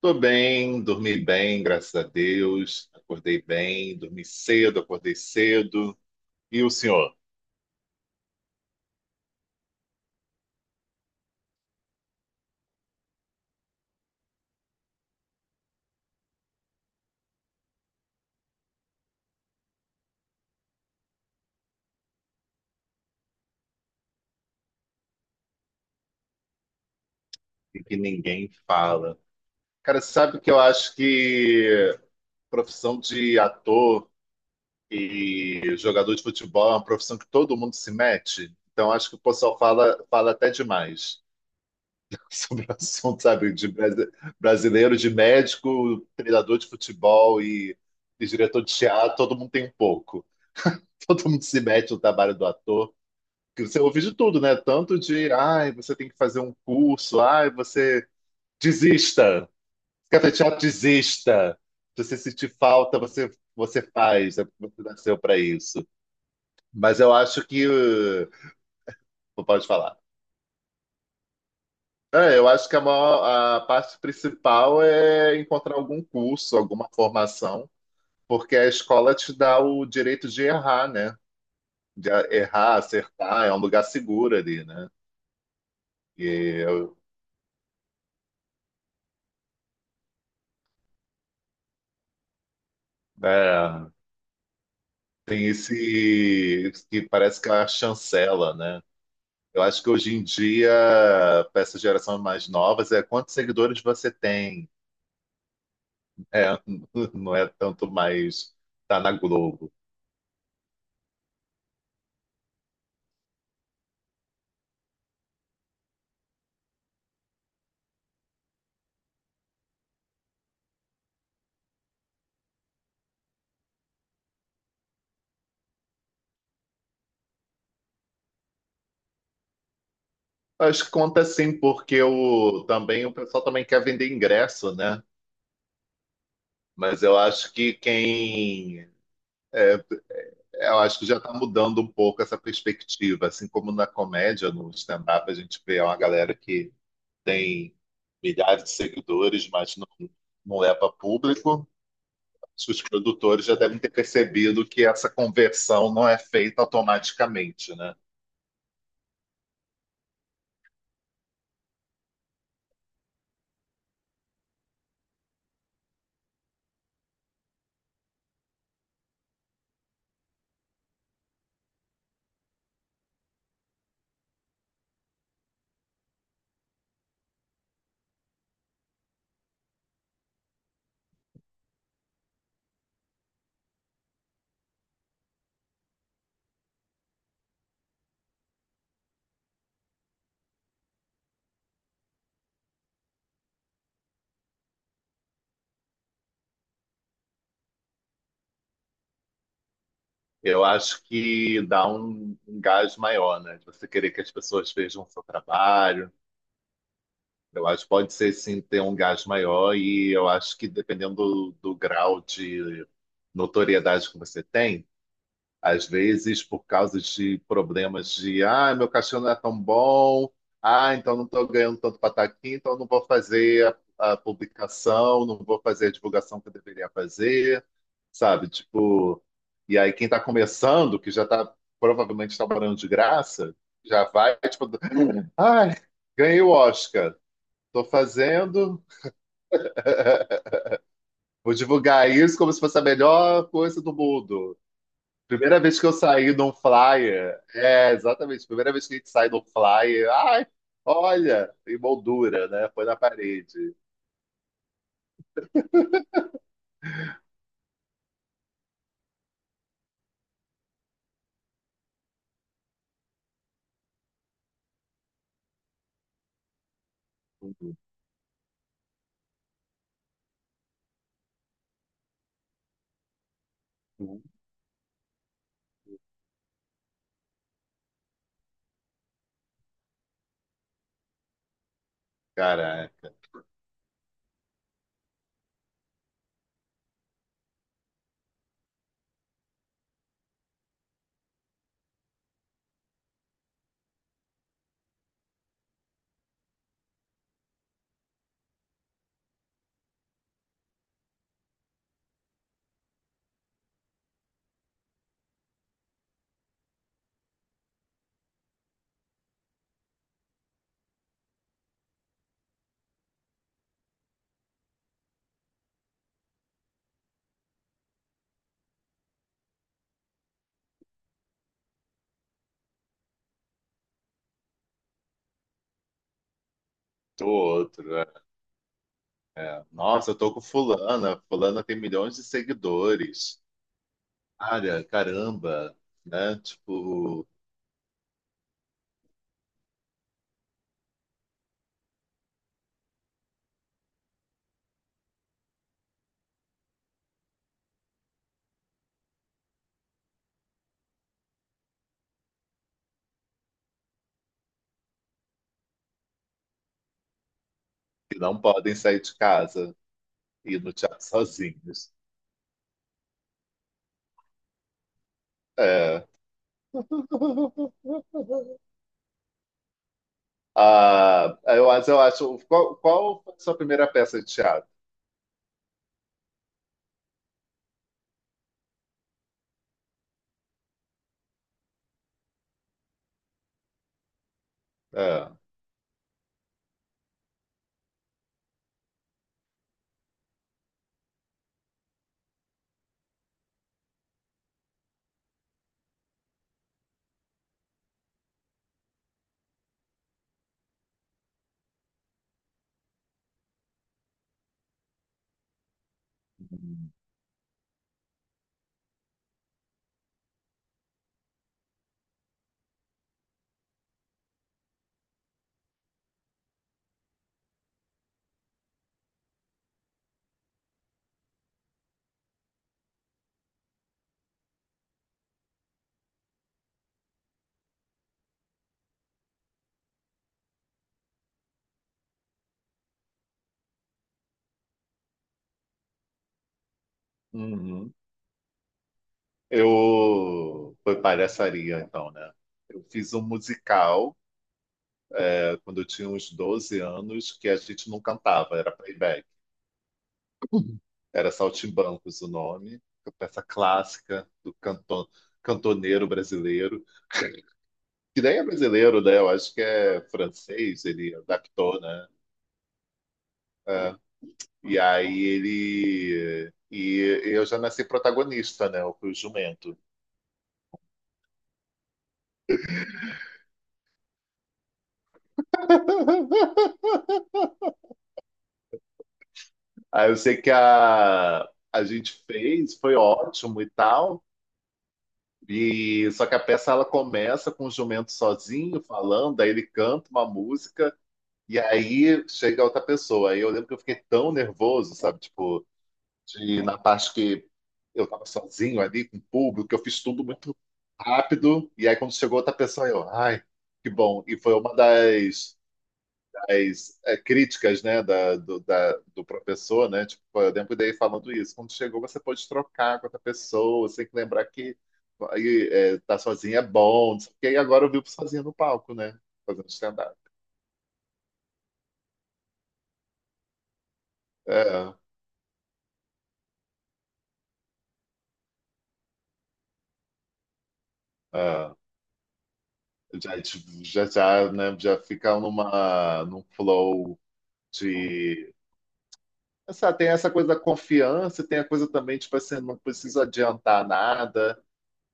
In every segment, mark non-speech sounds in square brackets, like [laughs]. Tô bem, dormi bem, graças a Deus. Acordei bem, dormi cedo, acordei cedo. E o senhor? E que ninguém fala. Cara, sabe que eu acho que profissão de ator e jogador de futebol é uma profissão que todo mundo se mete? Então acho que o pessoal fala, fala até demais [laughs] sobre o assunto, sabe? Brasileiro, de médico, treinador de futebol e diretor de teatro, todo mundo tem um pouco. [laughs] Todo mundo se mete no trabalho do ator. Que você ouve de tudo, né? Tanto de, ai, você tem que fazer um curso, ai, você desista, café teatro, desista. Se você sentir falta, você faz, é porque você nasceu para isso. Mas eu acho que. Pode falar. É, eu acho que maior, a parte principal é encontrar algum curso, alguma formação, porque a escola te dá o direito de errar, né? De errar, acertar, é um lugar seguro ali, né? E eu, é, Tem esse que parece que é a chancela, né? Eu acho que hoje em dia, para essa geração mais novas, é quantos seguidores você tem. É, [laughs] não é tanto mais tá na Globo. Acho que conta sim, porque o, também o pessoal também quer vender ingresso, né? Mas eu acho que quem. é, eu acho que já está mudando um pouco essa perspectiva. Assim como na comédia, no stand-up, a gente vê uma galera que tem milhares de seguidores, mas não leva público. Acho que os produtores já devem ter percebido que essa conversão não é feita automaticamente, né? Eu acho que dá um gás maior, né? De você querer que as pessoas vejam o seu trabalho. Eu acho que pode ser sim ter um gás maior, e eu acho que dependendo do grau de notoriedade que você tem, às vezes, por causa de problemas de, ah, meu cachorro não é tão bom, ah, então não estou ganhando tanto para estar aqui, então não vou fazer a publicação, não vou fazer a divulgação que eu deveria fazer, sabe? Tipo, e aí quem está começando, que já está provavelmente trabalhando de graça, já vai, tipo, ai, ganhei o Oscar, estou fazendo, vou divulgar isso como se fosse a melhor coisa do mundo. Primeira vez que eu saí de um flyer, é, exatamente, primeira vez que a gente sai de um flyer, ai, olha, emoldura, né? Foi na parede. Uhum, uhum. Caraca, tô outro. É. É, nossa, eu tô com fulana, fulana tem milhões de seguidores. Olha, caramba, né? Tipo, que não podem sair de casa e ir no teatro sozinhos. É. [laughs] Mas eu acho. Qual, qual foi a sua primeira peça de teatro? É. Uhum. Eu foi palhaçaria, então, né? Eu fiz um musical quando eu tinha uns 12 anos que a gente não cantava, era playback. Era Saltimbancos o nome, uma peça clássica do cantoneiro brasileiro, que nem é brasileiro, né? Eu acho que é francês, ele adaptou, né? É. E aí ele. E eu já nasci protagonista, né? Eu fui o jumento. Aí eu sei que a gente fez, foi ótimo e tal. E só que a peça ela começa com o jumento sozinho falando, aí ele canta uma música e aí chega outra pessoa. Aí eu lembro que eu fiquei tão nervoso, sabe? Tipo, de, na parte que eu tava sozinho ali com o público, eu fiz tudo muito rápido. E aí quando chegou outra pessoa, eu, ai, que bom. E foi uma das críticas, né, do professor, né? Tipo, eu lembro dele falando isso. Quando chegou, você pode trocar com outra pessoa, você tem que lembrar que aí, é, tá sozinho é bom. Não sei o quê. E agora eu vivo sozinho no palco, né? Fazendo stand-up. É, é. Já, já, né, já fica numa, num flow de. Essa, tem essa coisa da confiança, tem a coisa também, tipo assim, não preciso adiantar nada.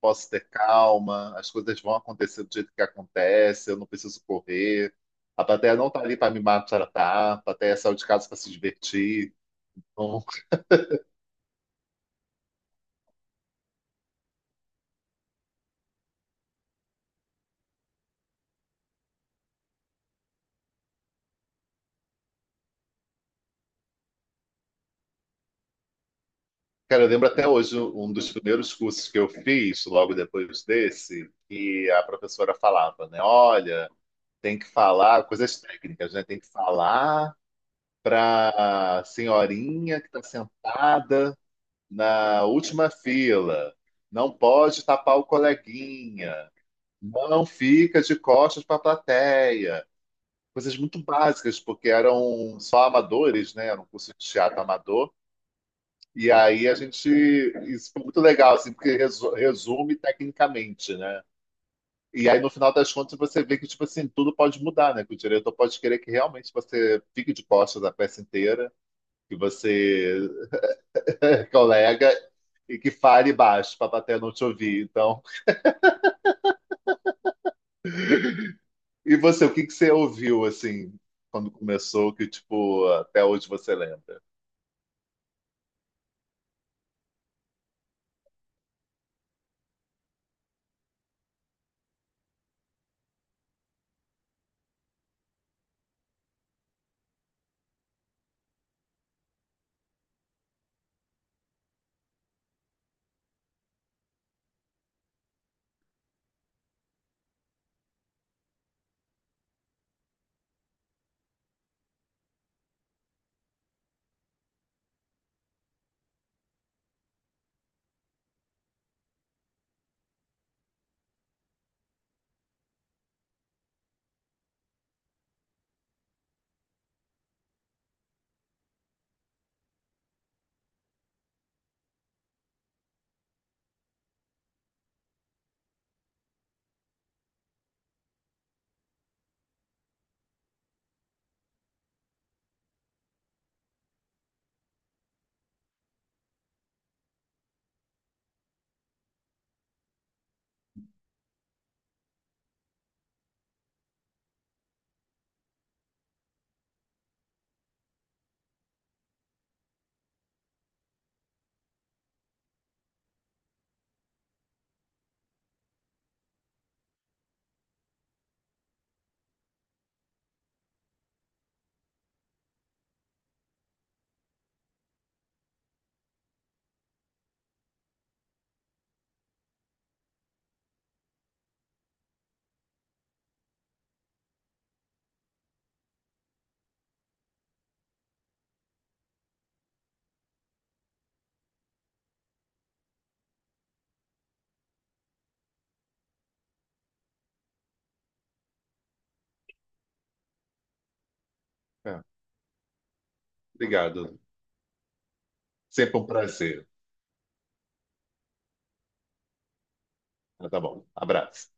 Posso ter calma, as coisas vão acontecer do jeito que acontece, eu não preciso correr. A plateia não tá ali para me maltratar, a plateia saiu de casa para se divertir. Então, cara, eu lembro até hoje um dos primeiros cursos que eu fiz, logo depois desse, e a professora falava, né? Olha, tem que falar coisas técnicas, né? Tem que falar para senhorinha que está sentada na última fila. Não pode tapar o coleguinha. Não fica de costas para a plateia. Coisas muito básicas, porque eram só amadores, né? Era um curso de teatro amador. E aí a gente. Isso foi muito legal, assim, porque resume tecnicamente, né? E aí, no final das contas, você vê que, tipo assim, tudo pode mudar, né? Que o diretor pode querer que realmente você fique de costas a peça inteira, que você [laughs] colega e que fale baixo para a plateia não te ouvir. Então. E você, o que que você ouviu assim quando começou que tipo até hoje você lembra? É, obrigado. Sempre um prazer. Ah, tá bom. Abraço.